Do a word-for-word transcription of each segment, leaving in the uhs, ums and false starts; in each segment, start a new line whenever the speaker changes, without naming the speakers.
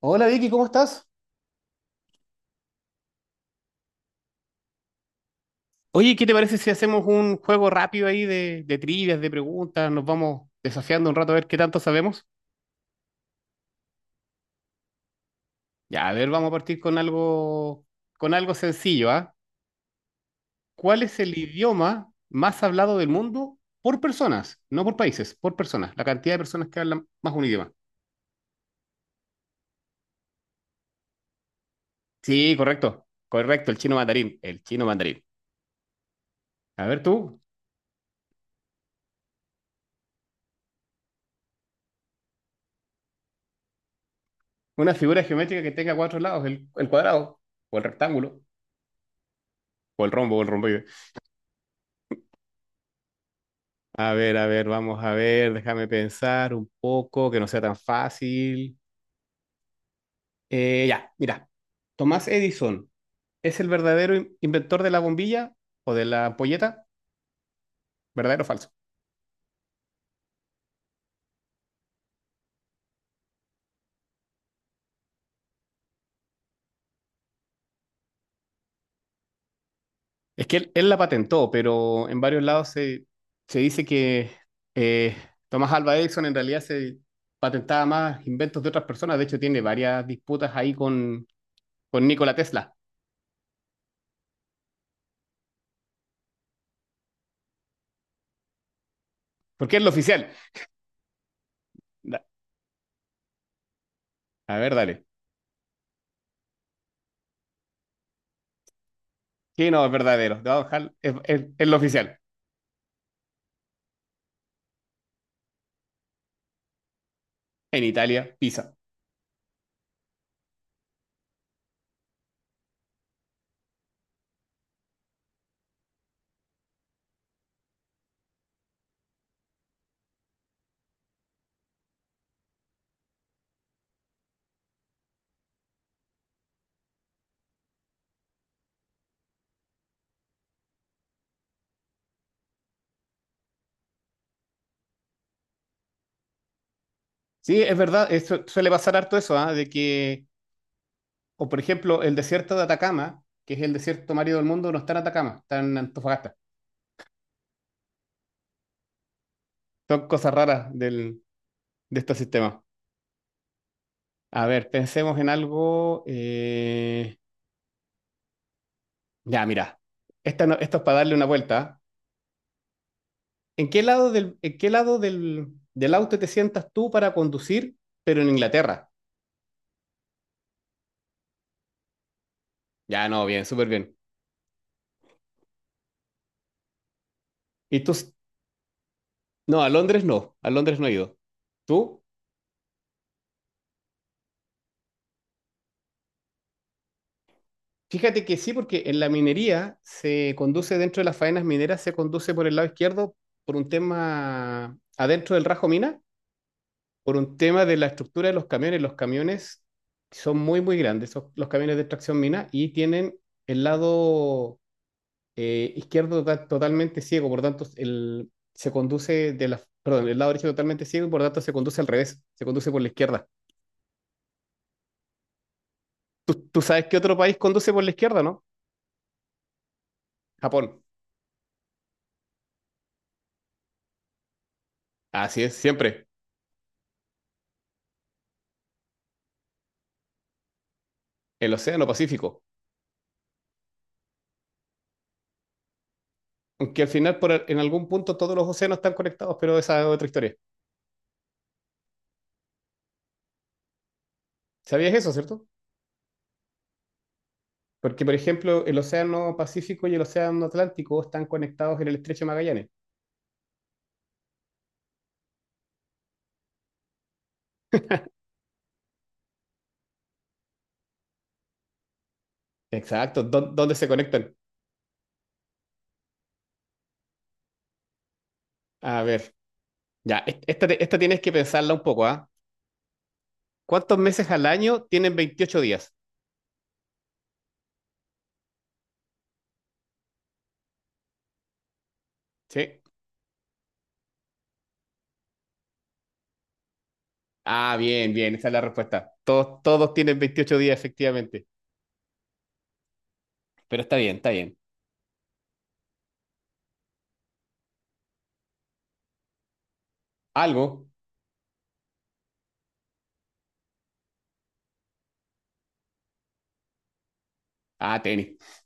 Hola Vicky, ¿cómo estás? Oye, ¿qué te parece si hacemos un juego rápido ahí de, de trivias, de preguntas? Nos vamos desafiando un rato a ver qué tanto sabemos. Ya, a ver, vamos a partir con algo, con algo sencillo, ¿ah? ¿Cuál es el idioma más hablado del mundo por personas? No por países, por personas. La cantidad de personas que hablan más un idioma. Sí, correcto, correcto, el chino mandarín, el chino mandarín. A ver tú, una figura geométrica que tenga cuatro lados, el, el cuadrado, o el rectángulo, o el rombo, o el rombo. A ver, a ver, vamos a ver, déjame pensar un poco, que no sea tan fácil. Eh, ya, mira, Tomás Edison, ¿es el verdadero in- inventor de la bombilla o de la ampolleta? ¿Verdadero o falso? Es que él, él la patentó, pero en varios lados se, se dice que eh, Tomás Alva Edison en realidad se patentaba más inventos de otras personas. De hecho, tiene varias disputas ahí con, con Nikola Tesla, porque es lo oficial. Da- A ver, dale. Sí, no, es verdadero. Te voy a dejar- es, es es lo oficial. En Italia, Pisa. Sí, es verdad, eso suele pasar harto eso, ¿ah? De que, o por ejemplo, el desierto de Atacama, que es el desierto marido del mundo, no está en Atacama, está en Antofagasta. Son cosas raras del, de este sistema. A ver, pensemos en algo. eh, Ya, mira, esta no- esto es para darle una vuelta, ¿ah? ¿En qué lado del, en qué lado del, del auto te sientas tú para conducir, pero en Inglaterra? Ya, no, bien, súper bien. Y tú, s- no, a Londres no, a Londres no he ido. ¿Tú? Fíjate que sí, porque en la minería se conduce dentro de las faenas mineras, se conduce por el lado izquierdo por un tema adentro del rajo mina, por un tema de la estructura de los camiones. Los camiones son muy, muy grandes, son los camiones de extracción mina, y tienen el lado eh, izquierdo to- totalmente ciego, por tanto, el, se conduce de la, perdón, el lado derecho totalmente ciego y por tanto se conduce al revés, se conduce por la izquierda. ¿Tú, tú sabes qué otro país conduce por la izquierda, no? Japón. Así es, siempre. El Océano Pacífico. Aunque al final, por, en algún punto, todos los océanos están conectados, pero esa es otra historia. ¿Sabías eso, cierto? Porque, por ejemplo, el océano Pacífico y el océano Atlántico están conectados en el estrecho de Magallanes. Exacto. ¿Dó- ¿Dónde se conectan? A ver, ya, est- esta, te- esta tienes que pensarla un poco, ¿ah? ¿Cuántos meses al año tienen veintiocho días? Sí. Ah, bien, bien, esa es la respuesta. Todos, todos tienen veintiocho días, efectivamente. Pero está bien, está bien. Algo. Ah, tenis.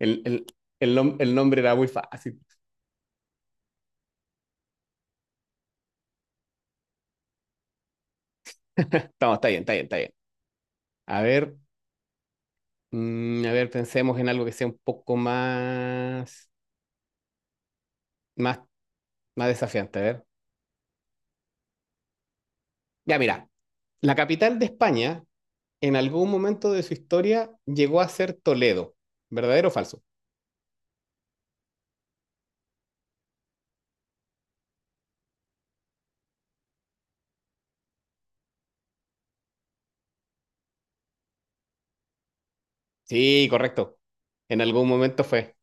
El, el, el, nom- el nombre era muy fácil. No, está bien, está bien, está bien. A ver, mm, a ver, pensemos en algo que sea un poco más, más, más desafiante. A ver. Ya, mira, la capital de España en algún momento de su historia llegó a ser Toledo. ¿Verdadero o falso? Sí, correcto. En algún momento fue.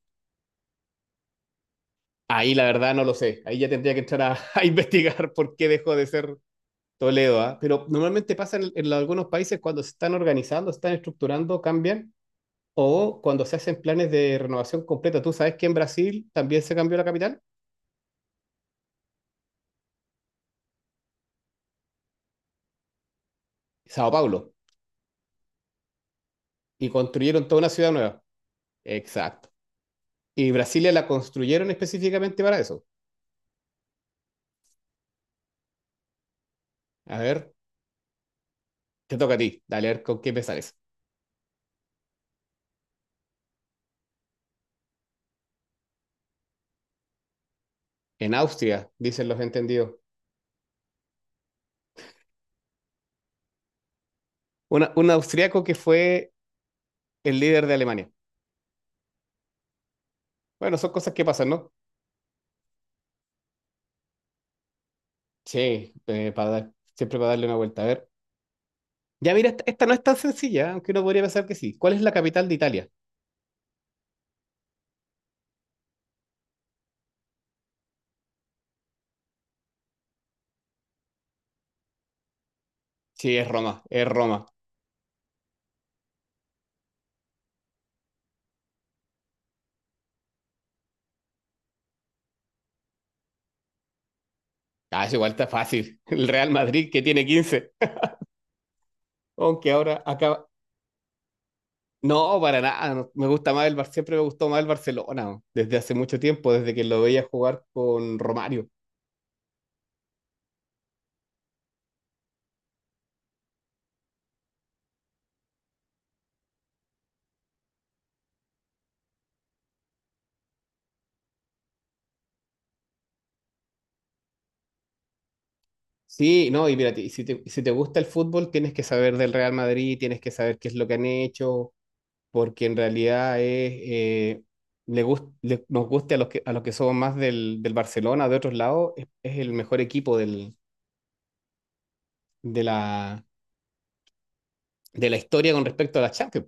Ahí la verdad no lo sé. Ahí ya tendría que entrar a, a investigar por qué dejó de ser Toledo, ¿ah? Pero normalmente pasa en, en algunos países cuando se están organizando, se están estructurando, cambian. O cuando se hacen planes de renovación completa, tú sabes que en Brasil también se cambió la capital, Sao Paulo, y construyeron toda una ciudad nueva. Exacto. Y Brasilia la construyeron específicamente para eso. A ver, te toca a ti, dale a ver con qué me sales. En Austria, dicen los entendidos. Una- un austriaco que fue el líder de Alemania. Bueno, son cosas que pasan, ¿no? Sí, eh, para dar- siempre para darle una vuelta. A ver. Ya mira, esta, esta no es tan sencilla, aunque uno podría pensar que sí. ¿Cuál es la capital de Italia? Sí, es Roma, es Roma. Ah, eso igual está fácil. El Real Madrid que tiene quince. Aunque ahora acaba. No, para nada, no, me gusta más el Bar... Siempre me gustó más el Barcelona, ¿no? Desde hace mucho tiempo, desde que lo veía jugar con Romario. Sí, no, y mira, y si te, si te gusta el fútbol, tienes que saber del Real Madrid, tienes que saber qué es lo que han hecho, porque en realidad es, eh, le gust- le- nos guste a los que, a los que somos más del, del Barcelona, de otros lados, es, es el mejor equipo del, de la, de la historia con respecto a la Champions,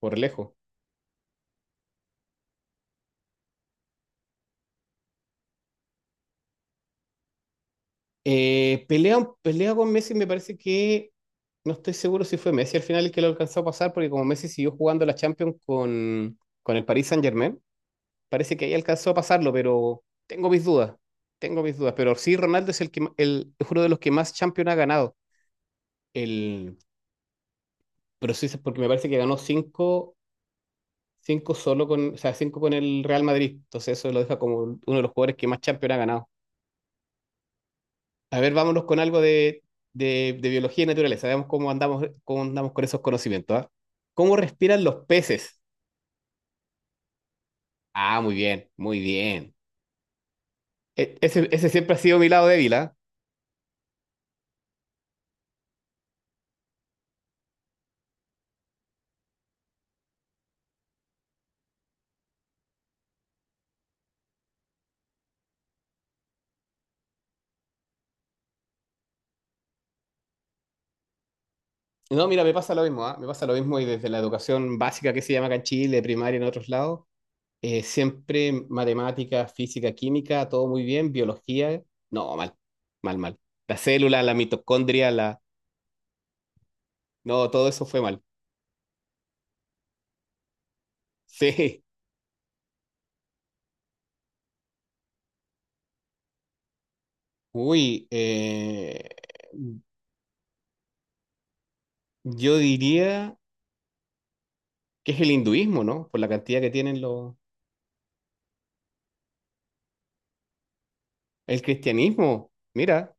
por lejos. Eh, pelea, pelea con Messi, me parece que no estoy seguro si fue Messi al final el que lo alcanzó a pasar, porque como Messi siguió jugando la Champions con, con el Paris Saint-Germain, parece que ahí alcanzó a pasarlo, pero tengo mis dudas, tengo mis dudas. Pero sí, Ronaldo es, el que, ma- el, es uno de los que más Champions ha ganado. El, pero sí, es porque me parece que ganó cinco, cinco solo con, o sea, cinco con el Real Madrid. Entonces eso lo deja como uno de los jugadores que más Champions ha ganado. A ver, vámonos con algo de, de- de biología y naturaleza. Veamos cómo andamos, cómo andamos con esos conocimientos, ¿ah? ¿Cómo respiran los peces? Ah, muy bien, muy bien. E- ese, ese siempre ha sido mi lado débil, ¿ah? No, mira, me pasa lo mismo, ¿ah? Me pasa lo mismo y desde la educación básica que se llama acá en Chile, primaria en otros lados, eh, siempre matemática, física, química, todo muy bien, biología, no, mal, mal, mal. La célula, la mitocondria, la... No, todo eso fue mal. Sí. Uy, eh... Yo diría que es el hinduismo, ¿no? Por la cantidad que tienen los... El cristianismo, mira,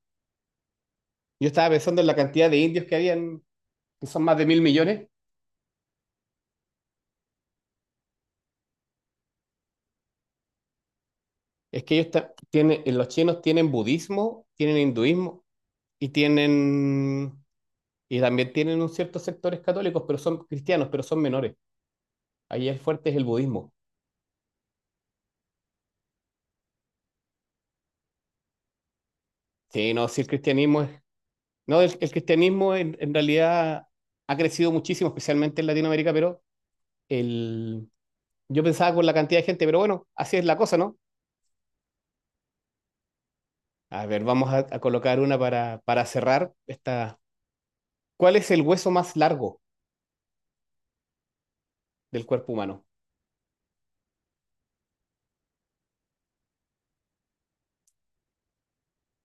yo estaba pensando en la cantidad de indios que habían, que son más de mil millones. Es que ellos ta- tienen, los chinos tienen budismo, tienen hinduismo y tienen... Y también tienen un ciertos sectores católicos, pero son cristianos, pero son menores. Ahí el fuerte es el budismo. Sí, no, sí, el cristianismo es... No, el, el cristianismo en, en realidad ha crecido muchísimo, especialmente en Latinoamérica, pero el... Yo pensaba con la cantidad de gente, pero bueno, así es la cosa, ¿no? A ver, vamos a, a colocar una para, para cerrar esta. ¿Cuál es el hueso más largo del cuerpo humano?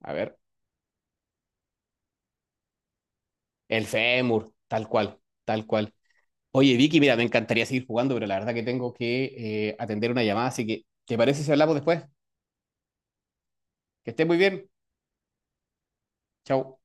A ver, el fémur, tal cual, tal cual. Oye, Vicky, mira, me encantaría seguir jugando, pero la verdad que tengo que eh, atender una llamada, así que ¿te parece si hablamos después? Que estés muy bien. Chao.